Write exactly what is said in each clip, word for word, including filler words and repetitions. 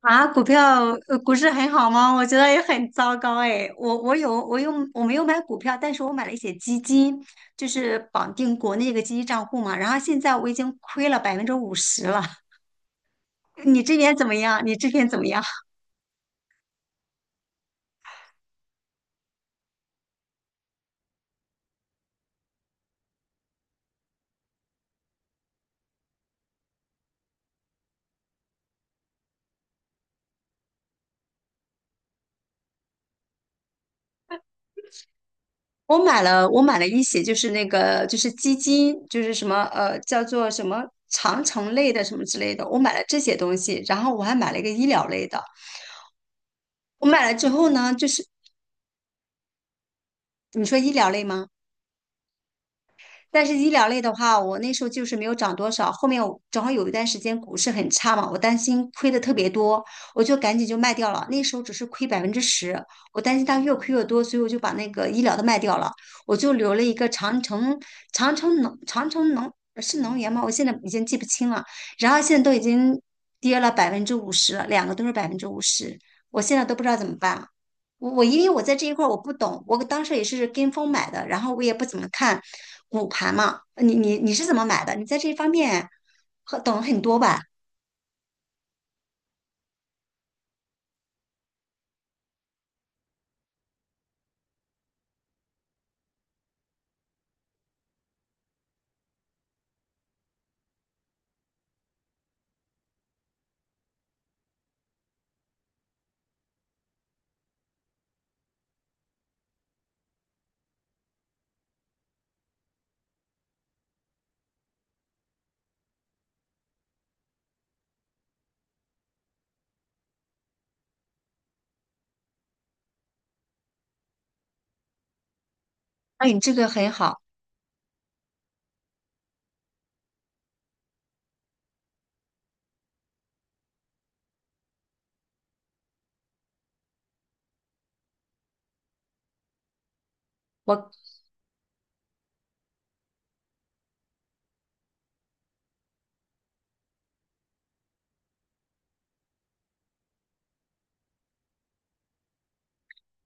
啊，股票呃股市很好吗？我觉得也很糟糕哎。我我有我有我没有买股票，但是我买了一些基金，就是绑定国内一个基金账户嘛。然后现在我已经亏了百分之五十了。你这边怎么样？你这边怎么样？我买了我买了一些，就是那个就是基金，就是什么呃叫做什么长城类的什么之类的，我买了这些东西，然后我还买了一个医疗类的。我买了之后呢，就是你说医疗类吗？但是医疗类的话，我那时候就是没有涨多少。后面我正好有一段时间股市很差嘛，我担心亏的特别多，我就赶紧就卖掉了。那时候只是亏百分之十，我担心它越亏越多，所以我就把那个医疗的卖掉了。我就留了一个长城，长城能，长城能是能源吗？我现在已经记不清了。然后现在都已经跌了百分之五十了，两个都是百分之五十，我现在都不知道怎么办了。我我因为我在这一块儿我不懂，我当时也是跟风买的，然后我也不怎么看股盘嘛。你你你是怎么买的？你在这方面很懂很多吧？那你这个很好，我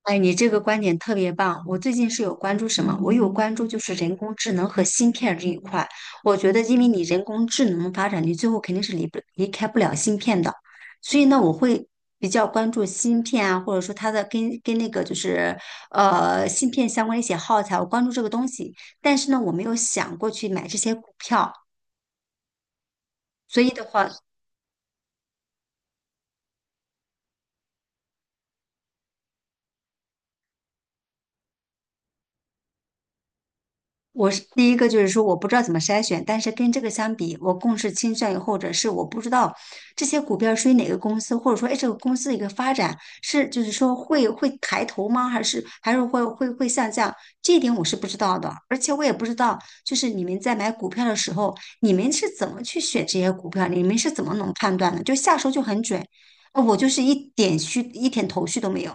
哎，你这个观点特别棒。我最近是有关注什么？我有关注就是人工智能和芯片这一块。我觉得，因为你人工智能发展，你最后肯定是离不离开不了芯片的。所以呢，我会比较关注芯片啊，或者说它的跟跟那个就是呃芯片相关的一些耗材，我关注这个东西。但是呢，我没有想过去买这些股票。所以的话，我是第一个就是说我不知道怎么筛选，但是跟这个相比，我更是倾向于或者是我不知道这些股票属于哪个公司，或者说哎这个公司的一个发展是就是说会会抬头吗？还是还是会会会下降？这一点我是不知道的，而且我也不知道就是你们在买股票的时候，你们是怎么去选这些股票，你们是怎么能判断的？就下手就很准，呃我就是一点虚一点头绪都没有。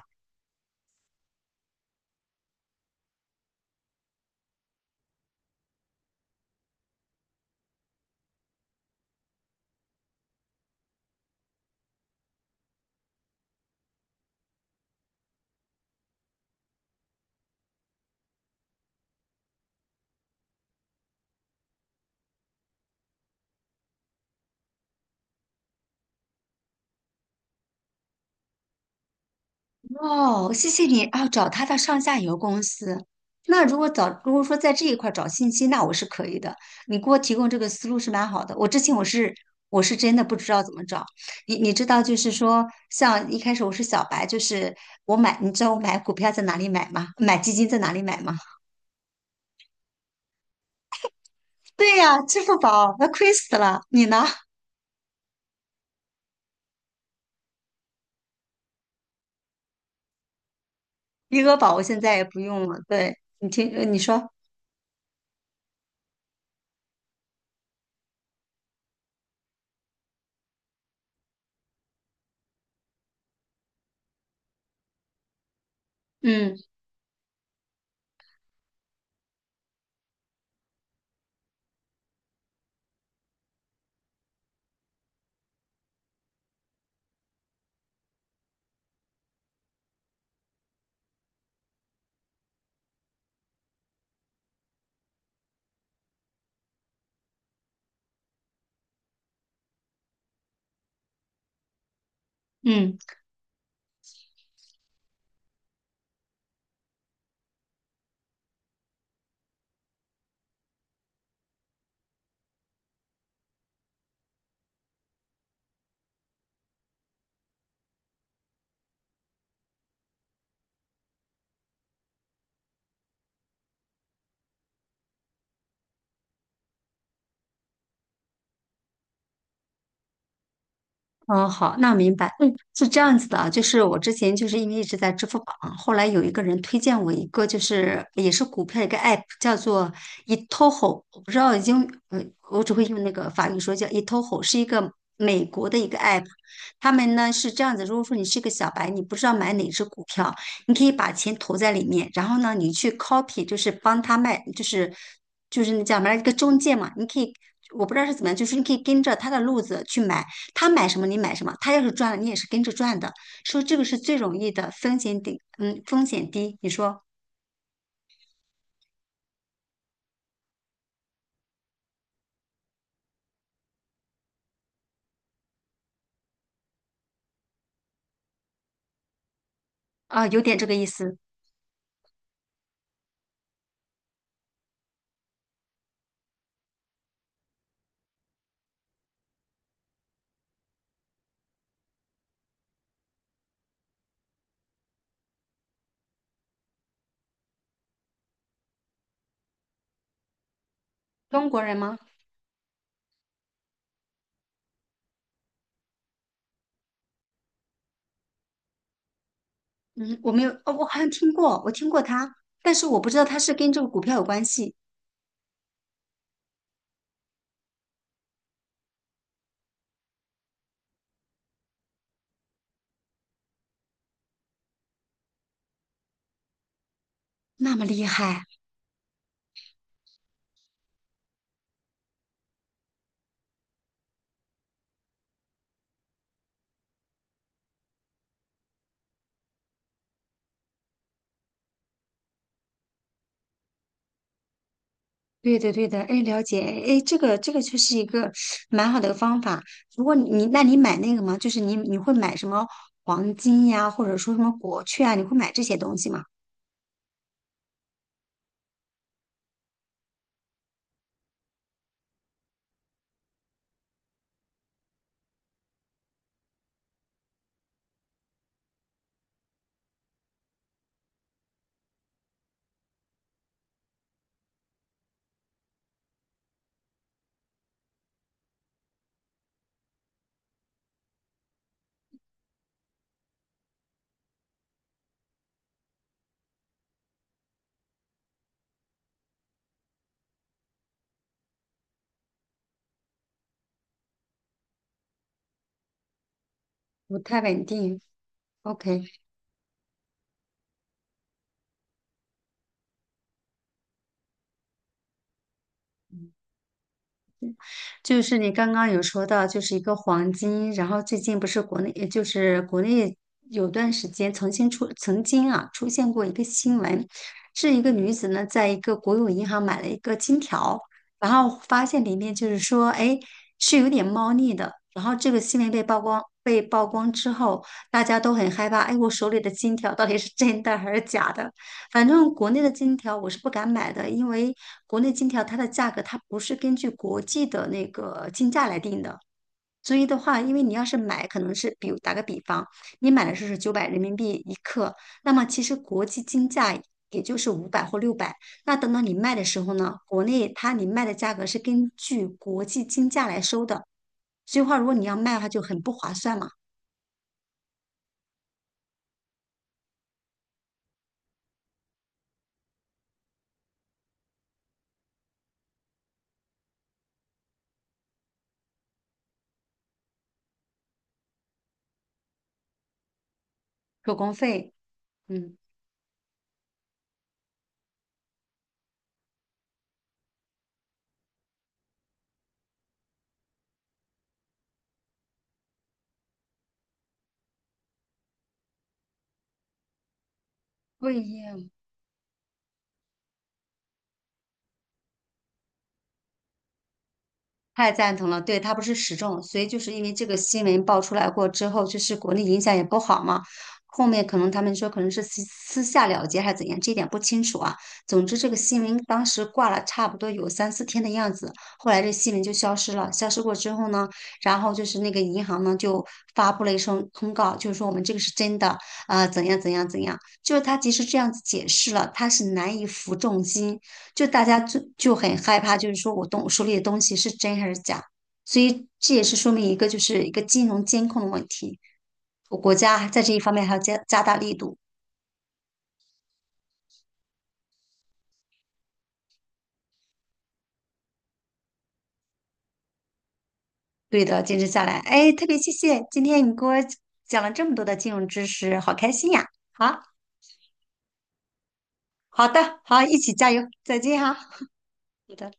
哦，谢谢你啊，找他的上下游公司。那如果找，如果说在这一块儿找信息，那我是可以的。你给我提供这个思路是蛮好的。我之前我是我是真的不知道怎么找。你你知道，就是说，像一开始我是小白，就是我买，你知道我买股票在哪里买吗？买基金在哪里买吗？对呀，支付宝，那亏死了。你呢？余额宝我现在也不用了。对，你听，呃你说，嗯嗯。嗯，好，那明白。嗯，是这样子的啊，就是我之前就是因为一直在支付宝，后来有一个人推荐我一个，就是也是股票一个 app，叫做 eToro，我不知道英语，呃，我只会用那个法语说叫 eToro，是一个美国的一个 app。他们呢是这样子，如果说你是一个小白，你不知道买哪只股票，你可以把钱投在里面，然后呢，你去 copy，就是帮他卖，就是就是那叫什么来一个中介嘛，你可以，我不知道是怎么样，就是你可以跟着他的路子去买。他买什么你买什么，他要是赚了你也是跟着赚的。说这个是最容易的，风险低，嗯，风险低。你说啊，有点这个意思。中国人吗？嗯，我没有，哦，我好像听过，我听过他，但是我不知道他是跟这个股票有关系，那么厉害。对的，对的，哎，了解，哎，这个这个就是一个蛮好的方法。如果你，那你买那个吗？就是你你会买什么黄金呀，或者说什么国券啊？你会买这些东西吗？不太稳定。OK。就是你刚刚有说到，就是一个黄金，然后最近不是国内，也就是国内有段时间曾经出，曾经啊出现过一个新闻，是一个女子呢在一个国有银行买了一个金条，然后发现里面就是说，哎，是有点猫腻的。然后这个新闻被曝光，被曝光之后，大家都很害怕，哎，我手里的金条到底是真的还是假的？反正国内的金条我是不敢买的，因为国内金条它的价格它不是根据国际的那个金价来定的，所以的话，因为你要是买，可能是比如打个比方，你买的时候是九百人民币一克，那么其实国际金价也就是五百或六百，那等到你卖的时候呢，国内它你卖的价格是根据国际金价来收的，所以话如果你要卖的话就很不划算嘛，手工费，嗯。对样。太赞同了，对，它不是时政，所以就是因为这个新闻爆出来过之后，就是国内影响也不好嘛。后面可能他们说可能是私私下了结还是怎样，这点不清楚啊。总之，这个新闻当时挂了差不多有三四天的样子，后来这新闻就消失了。消失过之后呢，然后就是那个银行呢就发布了一声通告，就是说我们这个是真的，呃，怎样怎样怎样。就是他即使这样子解释了，他是难以服众心。就大家就就很害怕，就是说我东手里的东西是真还是假，所以这也是说明一个就是一个金融监控的问题，我国家在这一方面还要加加大力度。对的，坚持下来，哎，特别谢谢今天你给我讲了这么多的金融知识，好开心呀！好，好的，好，一起加油，再见哈。好的。